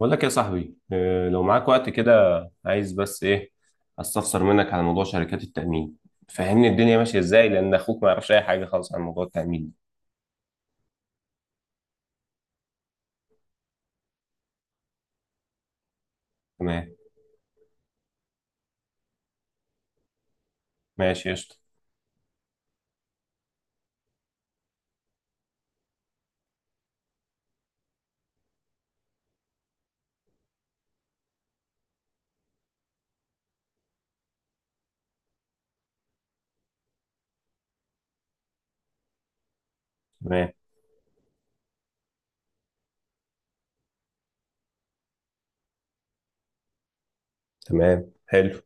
بقول لك يا صاحبي لو معاك وقت كده، عايز بس ايه، استفسر منك على موضوع شركات التأمين، فهمني الدنيا ماشية ازاي لان اخوك ما يعرفش اي حاجة خالص عن موضوع التأمين ده. تمام. ماشي قشطة. تمام. تمام حلو.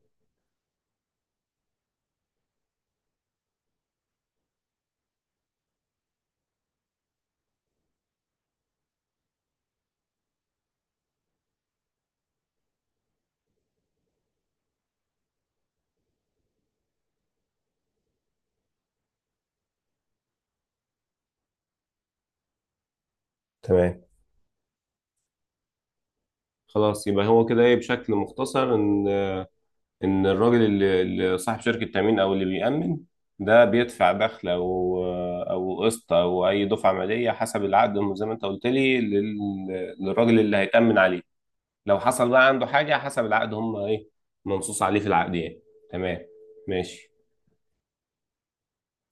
تمام. خلاص يبقى هو كده ايه بشكل مختصر ان ان الراجل اللي صاحب شركة تأمين او اللي بيأمن ده بيدفع دخل او او قسط او اي دفعة مالية حسب العقد زي ما انت قلت لي للراجل اللي هيتأمن عليه. لو حصل بقى عنده حاجة حسب العقد، هم ايه، منصوص عليه في العقد يعني. تمام، ماشي.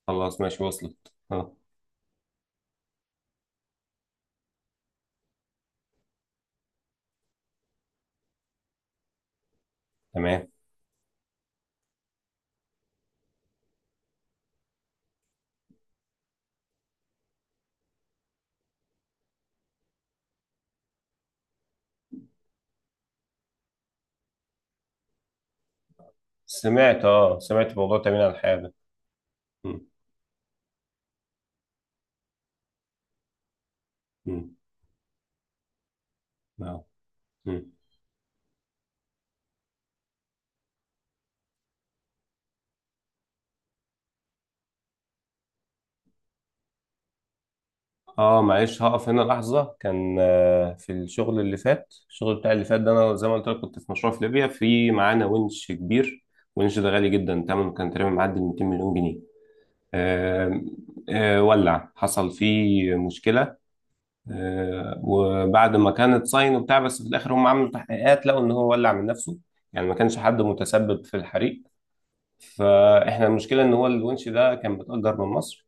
خلاص ماشي، وصلت اه. تمام. سمعت اه، سمعت موضوع تأمين على الحياة ده. م. م. اه. م. اه، معلش هقف هنا لحظة. كان في الشغل اللي فات، الشغل بتاع اللي فات ده انا زي ما قلت لك كنت في مشروع في ليبيا، في معانا ونش كبير. ونش ده غالي جدا، تمنه كان تقريبا معدي ال 200 مليون جنيه. آه. آه، ولع، حصل فيه مشكلة. وبعد ما كانت صاين وبتاع، بس في الاخر هم عملوا تحقيقات، لقوا ان هو ولع من نفسه، يعني ما كانش حد متسبب في الحريق. فاحنا المشكله ان هو الونش ده كان متاجر من مصر،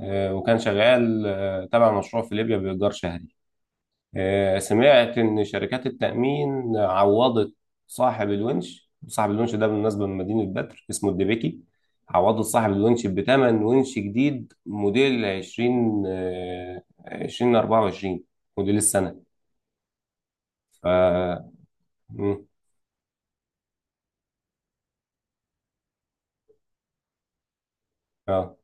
وكان شغال تبع مشروع في ليبيا بايجار شهري. سمعت ان شركات التامين عوضت صاحب الونش. صاحب الونش ده بالمناسبه من مدينه بدر، اسمه الدبيكي. عوضت صاحب الونش بثمن ونش جديد موديل 20 2024، موديل السنه. ف مم. اه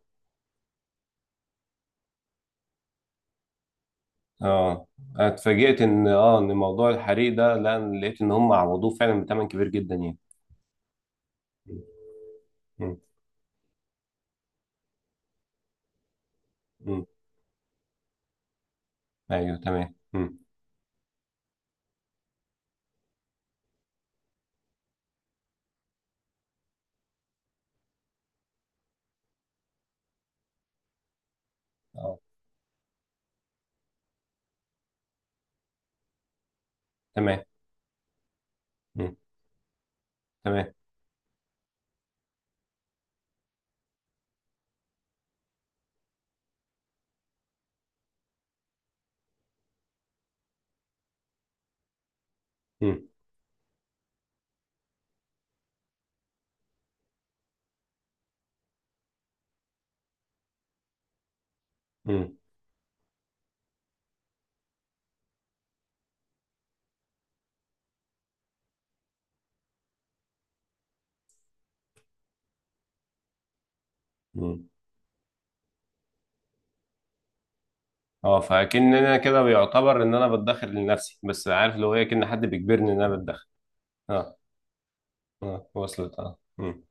اه. أنا اتفاجئت ان اه ان موضوع الحريق ده، لا أنا لقيت ان هم عوضوه فعلا بثمن كبير جدا يعني. مم. مم. مم. ايوه تمام. مم. اه. تمام. مم. تمام. مم. مم. مم. اه، فاكن انا كده بيعتبر ان انا بتدخر لنفسي، بس عارف لو هي كأن حد بيجبرني ان انا بتدخر. اه. اه وصلت اه. مم.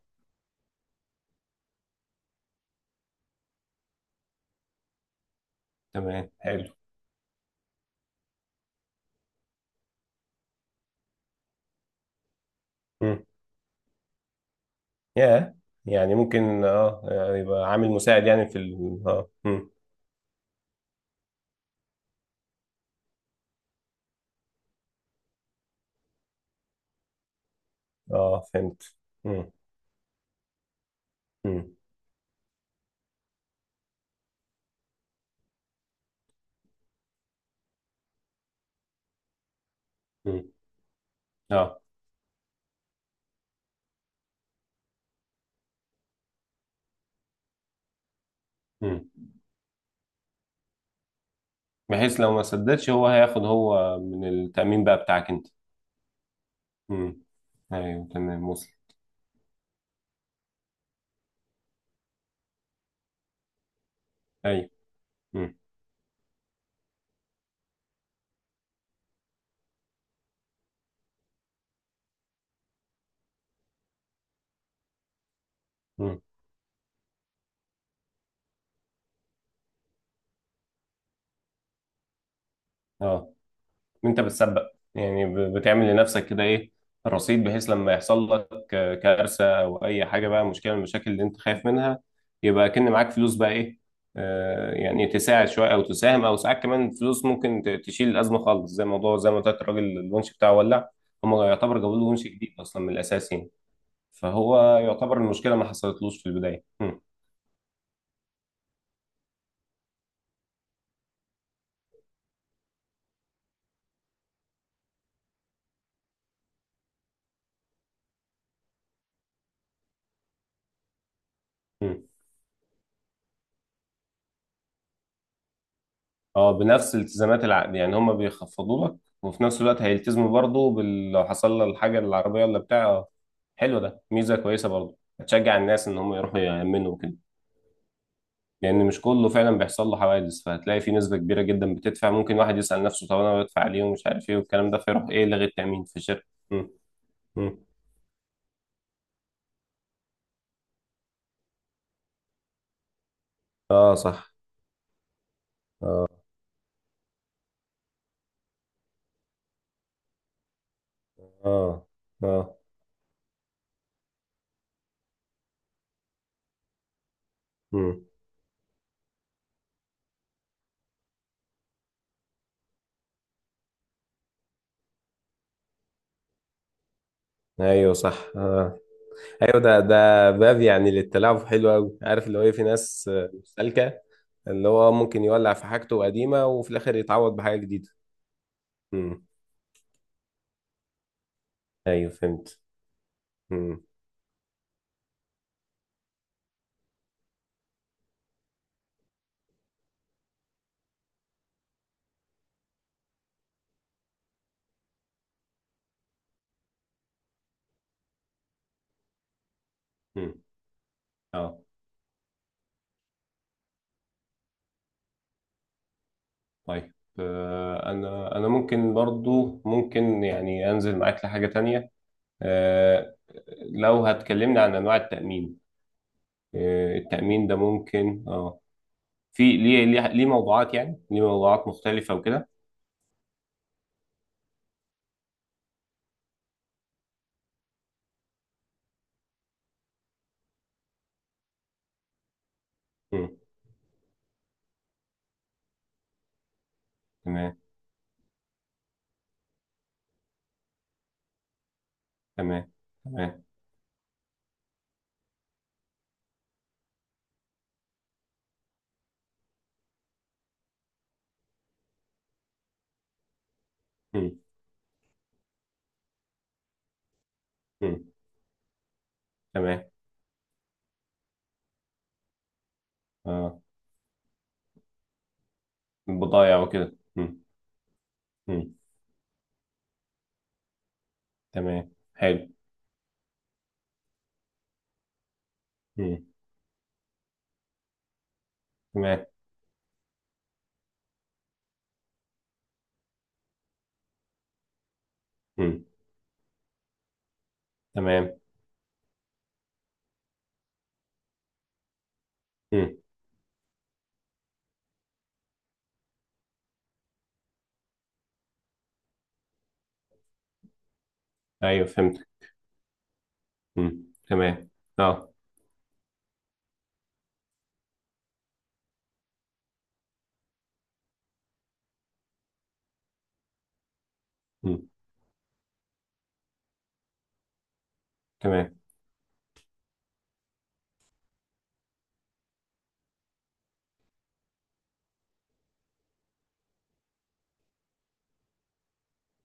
تمام حلو. مم. يا يعني ممكن اه، يبقى عامل مساعد يعني في ال... اه. اه فهمت. مم. مم. مم. اه. مم. بحيث لو ما سددش، هو هياخد هو من التأمين بقى بتاعك انت. مم. ايوه تمام وصل. ايوه. مم. مم. اه، ان انت بتسبق يعني، بتعمل لنفسك كده ايه، الرصيد، بحيث لما يحصل لك كارثه او اي حاجه بقى، مشكله من المشاكل اللي انت خايف منها، يبقى كأن معاك فلوس بقى ايه، يعني تساعد شويه او تساهم، او ساعات كمان فلوس ممكن تشيل الازمه خالص. زي موضوع زي ما قلت لك، الراجل الونش بتاعه ولع، هم يعتبر جابوا له ونش جديد اصلا من الاساس يعني. فهو يعتبر المشكله ما حصلتلوش في البدايه. م. م. اه، بنفس الالتزامات العقد يعني هم بيخفضوا لك، وفي نفس الوقت هيلتزموا برضه بال... لو حصل لها الحاجه للعربيه ولا بتاع حلو. ده ميزه كويسه برضه، هتشجع الناس ان هم يروحوا يأمنوا وكده. لان مش كله فعلا بيحصل له حوادث، فهتلاقي في نسبه كبيره جدا بتدفع، ممكن واحد يسأل نفسه طب انا بدفع ليه ومش عارف ايه والكلام ده، فيروح ايه، لغي التأمين في الشركه. مم. مم. اه صح. اه اه. مم. ايوه صح اه. ايوه، ده باب يعني للتلاعب، حلو قوي. عارف اللي هو ايه، في ناس سالكه، اللي هو ممكن يولع في حاجته قديمة، وفي الآخر يتعوض بحاجة جديدة. امم أيوه فهمت. امم امم اه. طيب أنا ممكن برضو، ممكن يعني أنزل معاك لحاجة تانية. آه، لو هتكلمنا عن أنواع التأمين، التأمين ده ممكن اه، في ليه موضوعات، يعني ليه موضوعات مختلفة وكده. امم تمام. تمام. تمام. امم امم تمام. اه، البضائع وكده. امم تمام حلو. امم تمام. مم. تمام. مم. ايوه فهمت. مم. تمام. اه. مم. تمام.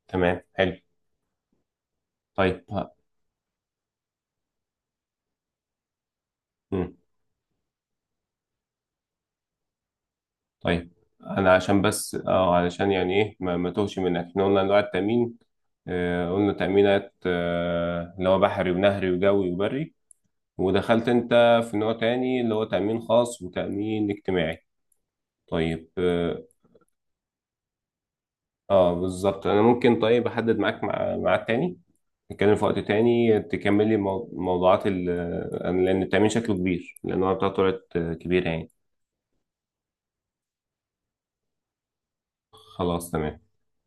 تمام حلو. طيب ها. مم. طيب انا عشان بس اه، علشان يعني ايه ما توهش منك، احنا قلنا انواع التامين، قلنا تامينات اللي هو بحري ونهري وجوي وبري. ودخلت انت في نوع تاني، اللي هو تامين خاص وتامين اجتماعي. طيب اه، بالظبط. انا ممكن طيب احدد معاك ميعاد تاني، نتكلم في وقت تاني، تكملي موضوعات ال-، لأن التأمين شكله كبير لأن هو بتاعته طلعت كبيرة يعني. خلاص تمام.